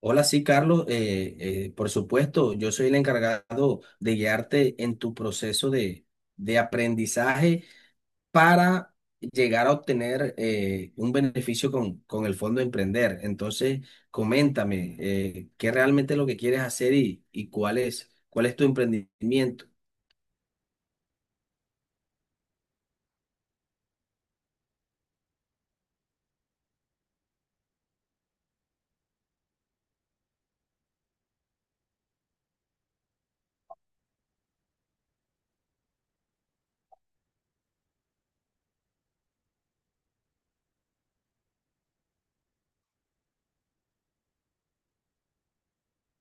Hola, sí, Carlos. Por supuesto, yo soy el encargado de guiarte en tu proceso de aprendizaje para llegar a obtener un beneficio con el Fondo Emprender. Entonces, coméntame, ¿qué realmente es lo que quieres hacer y cuál es tu emprendimiento?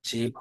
Sí,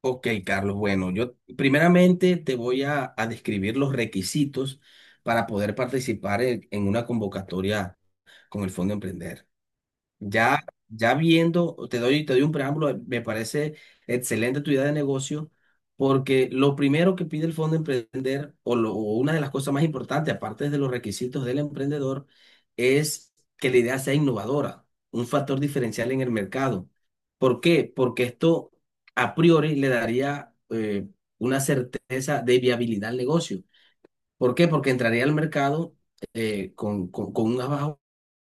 ok, Carlos. Bueno, yo primeramente te voy a describir los requisitos para poder participar en una convocatoria con el Fondo Emprender. Ya viendo, te doy un preámbulo, me parece excelente tu idea de negocio, porque lo primero que pide el Fondo Emprender, o, o una de las cosas más importantes, aparte de los requisitos del emprendedor, es que la idea sea innovadora, un factor diferencial en el mercado. ¿Por qué? Porque esto a priori le daría una certeza de viabilidad al negocio. ¿Por qué? Porque entraría al mercado con un as bajo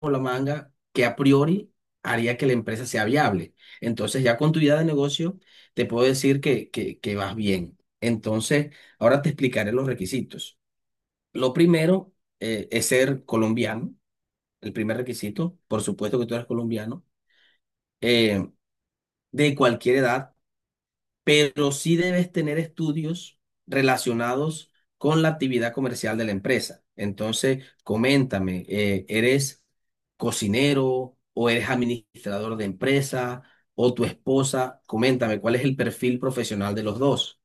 la manga que a priori haría que la empresa sea viable. Entonces, ya con tu idea de negocio, te puedo decir que vas bien. Entonces, ahora te explicaré los requisitos. Lo primero es ser colombiano, el primer requisito. Por supuesto que tú eres colombiano, eh, de cualquier edad, pero sí debes tener estudios relacionados con la actividad comercial de la empresa. Entonces, coméntame, ¿eres cocinero o eres administrador de empresa o tu esposa? Coméntame, ¿cuál es el perfil profesional de los dos?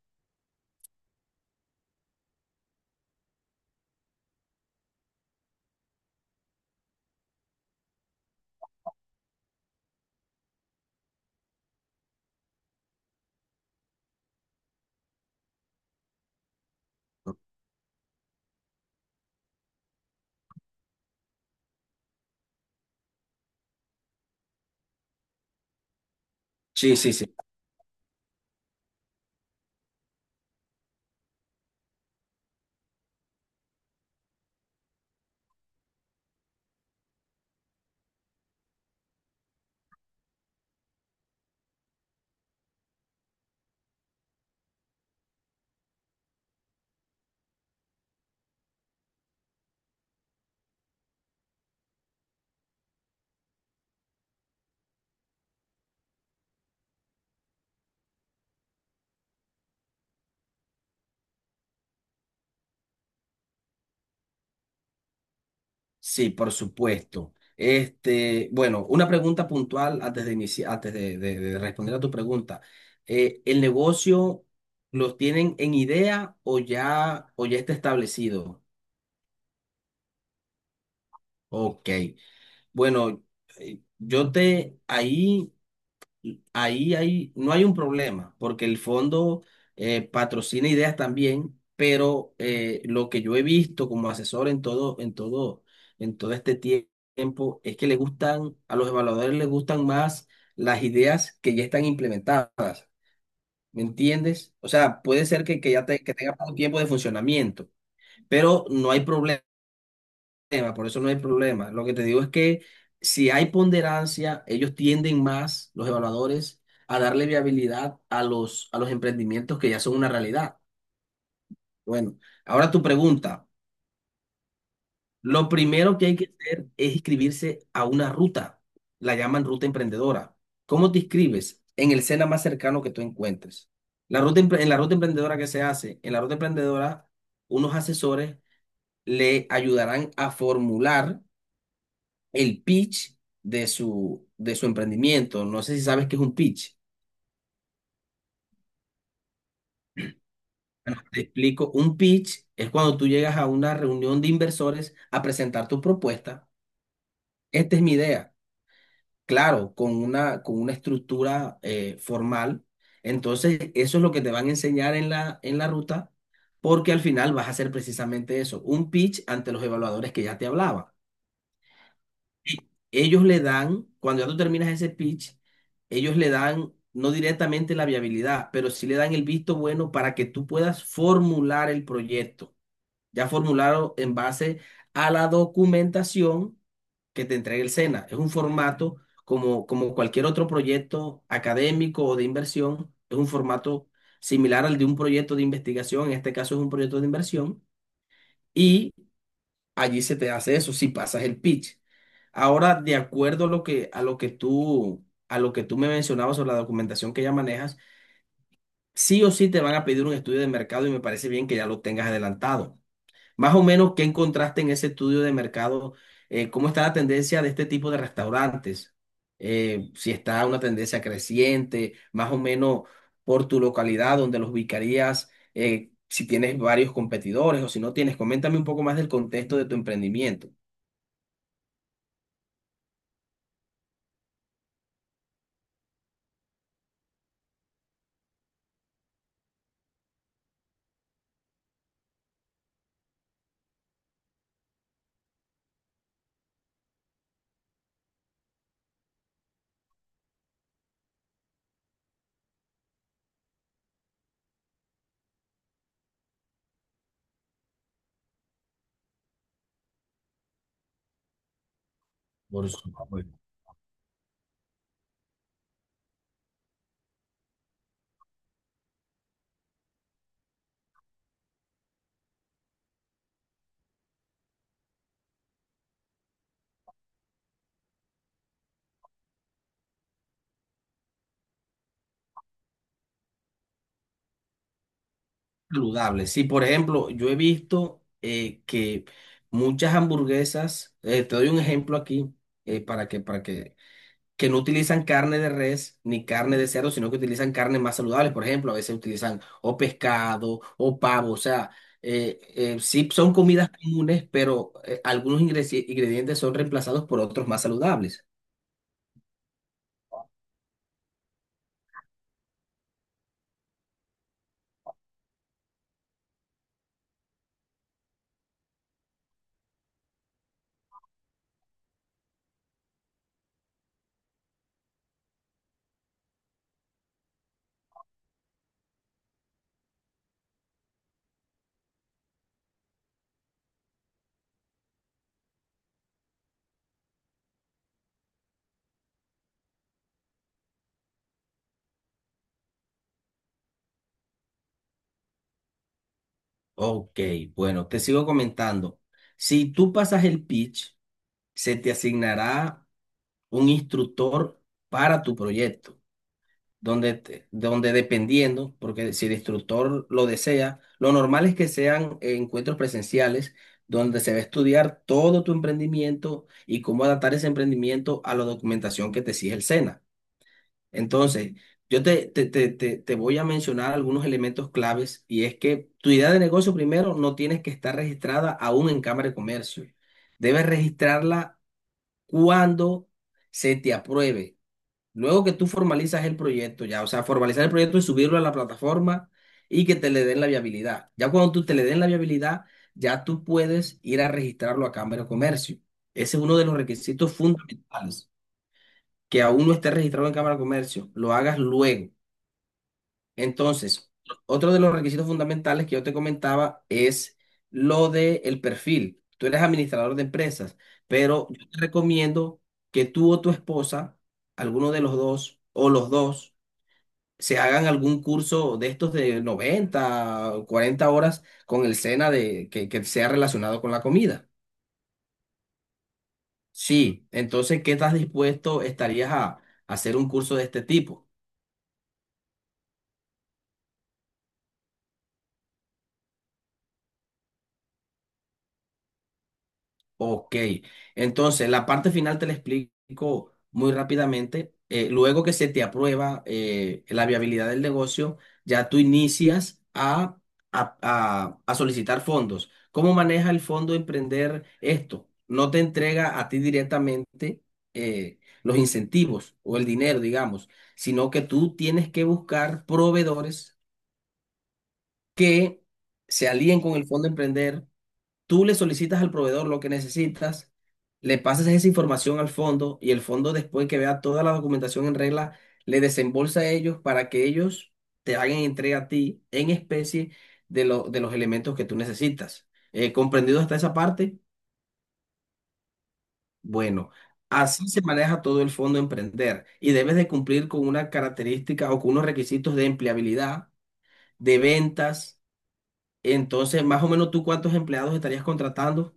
Sí, sí, sí. Sí, por supuesto. Este, bueno, una pregunta puntual antes de antes de responder a tu pregunta. ¿El negocio los tienen en idea o ya está establecido? Ok, bueno, yo te, no hay un problema, porque el fondo patrocina ideas también, pero lo que yo he visto como asesor en todo este tiempo, es que le gustan, a los evaluadores les gustan más las ideas que ya están implementadas, ¿me entiendes? O sea, puede ser que ya que tenga poco tiempo de funcionamiento, pero no hay por eso no hay problema. Lo que te digo es que si hay ponderancia, ellos tienden más, los evaluadores, a darle viabilidad a los emprendimientos que ya son una realidad. Bueno, ahora tu pregunta. Lo primero que hay que hacer es inscribirse a una ruta. La llaman ruta emprendedora. ¿Cómo te inscribes? En el SENA más cercano que tú encuentres. La ruta, en la ruta emprendedora que se hace, en la ruta emprendedora, unos asesores le ayudarán a formular el pitch de su emprendimiento. No sé si sabes qué es un pitch. Te explico, un pitch es cuando tú llegas a una reunión de inversores a presentar tu propuesta. Esta es mi idea, claro, con una estructura formal. Entonces, eso es lo que te van a enseñar en en la ruta, porque al final vas a hacer precisamente eso, un pitch ante los evaluadores que ya te hablaba. Ellos le dan, cuando ya tú terminas ese pitch, ellos le dan no directamente la viabilidad, pero sí le dan el visto bueno para que tú puedas formular el proyecto, ya formulado en base a la documentación que te entregue el SENA. Es un formato como, como cualquier otro proyecto académico o de inversión, es un formato similar al de un proyecto de investigación, en este caso es un proyecto de inversión. Y allí se te hace eso si pasas el pitch. Ahora, de acuerdo a lo que, a lo que tú me mencionabas sobre la documentación que ya manejas, sí o sí te van a pedir un estudio de mercado y me parece bien que ya lo tengas adelantado. Más o menos, ¿qué encontraste en ese estudio de mercado? ¿Cómo está la tendencia de este tipo de restaurantes? Si está una tendencia creciente, más o menos por tu localidad donde los ubicarías, si tienes varios competidores o si no tienes, coméntame un poco más del contexto de tu emprendimiento. Por supuesto. Saludable. Sí, por ejemplo, yo he visto que muchas hamburguesas, te doy un ejemplo aquí, eh, para que, para que, que no utilizan carne de res ni carne de cerdo, sino que utilizan carnes más saludables. Por ejemplo, a veces utilizan o pescado o pavo. O sea, sí son comidas comunes, pero algunos ingredientes son reemplazados por otros más saludables. Ok, bueno, te sigo comentando. Si tú pasas el pitch, se te asignará un instructor para tu proyecto, donde, donde dependiendo, porque si el instructor lo desea, lo normal es que sean encuentros presenciales donde se va a estudiar todo tu emprendimiento y cómo adaptar ese emprendimiento a la documentación que te exige el SENA. Entonces, yo te voy a mencionar algunos elementos claves, y es que tu idea de negocio primero no tienes que estar registrada aún en Cámara de Comercio. Debes registrarla cuando se te apruebe. Luego que tú formalizas el proyecto ya, o sea, formalizar el proyecto y subirlo a la plataforma y que te le den la viabilidad. Ya cuando tú te le den la viabilidad, ya tú puedes ir a registrarlo a Cámara de Comercio. Ese es uno de los requisitos fundamentales, que aún no esté registrado en Cámara de Comercio, lo hagas luego. Entonces, otro de los requisitos fundamentales que yo te comentaba es lo de el perfil. Tú eres administrador de empresas, pero yo te recomiendo que tú o tu esposa, alguno de los dos o los dos, se hagan algún curso de estos de 90 o 40 horas con el SENA de, que sea relacionado con la comida. Sí, entonces, ¿qué estás dispuesto estarías a hacer un curso de este tipo? Ok, entonces la parte final te la explico muy rápidamente. Luego que se te aprueba la viabilidad del negocio, ya tú inicias a solicitar fondos. ¿Cómo maneja el fondo Emprender esto? No te entrega a ti directamente los incentivos o el dinero, digamos, sino que tú tienes que buscar proveedores que se alíen con el fondo Emprender. Tú le solicitas al proveedor lo que necesitas, le pasas esa información al fondo y el fondo, después que vea toda la documentación en regla, le desembolsa a ellos para que ellos te hagan entrega a ti en especie de, de los elementos que tú necesitas. ¿Comprendido hasta esa parte? Bueno, así se maneja todo el fondo emprender, y debes de cumplir con una característica o con unos requisitos de empleabilidad, de ventas. Entonces, más o menos tú cuántos empleados estarías contratando.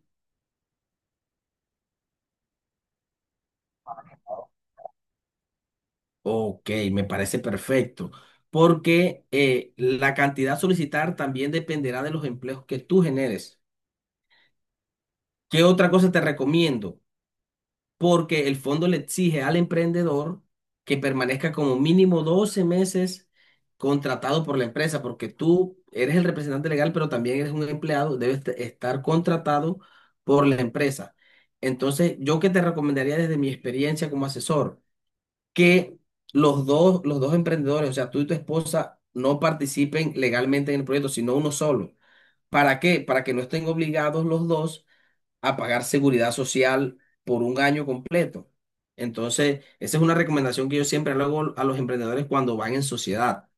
Ok, me parece perfecto, porque la cantidad a solicitar también dependerá de los empleos que tú generes. ¿Qué otra cosa te recomiendo? Porque el fondo le exige al emprendedor que permanezca como mínimo 12 meses contratado por la empresa, porque tú eres el representante legal, pero también eres un empleado, debes estar contratado por la empresa. Entonces, ¿yo qué te recomendaría desde mi experiencia como asesor? Que los dos emprendedores, o sea, tú y tu esposa, no participen legalmente en el proyecto, sino uno solo. ¿Para qué? Para que no estén obligados los dos a pagar seguridad social por un año completo. Entonces, esa es una recomendación que yo siempre le hago a los emprendedores cuando van en sociedad.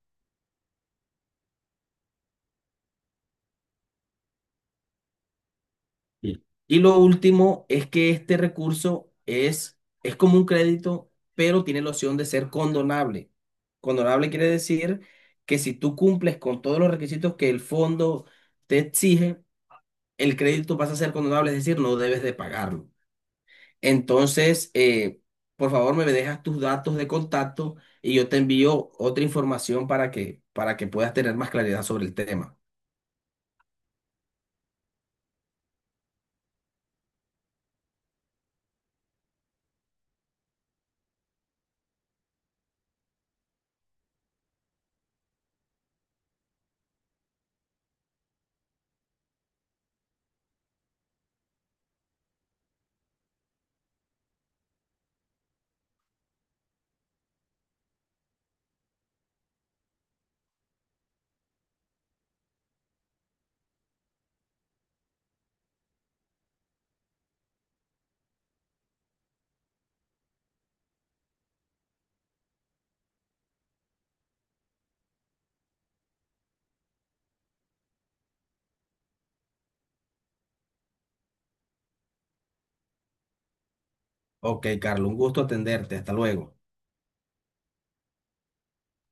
Sí. Y lo último es que este recurso es como un crédito, pero tiene la opción de ser condonable. Condonable quiere decir que si tú cumples con todos los requisitos que el fondo te exige, el crédito pasa a ser condonable, es decir, no debes de pagarlo. Entonces, por favor, me dejas tus datos de contacto y yo te envío otra información para que puedas tener más claridad sobre el tema. Ok, Carlos, un gusto atenderte. Hasta luego.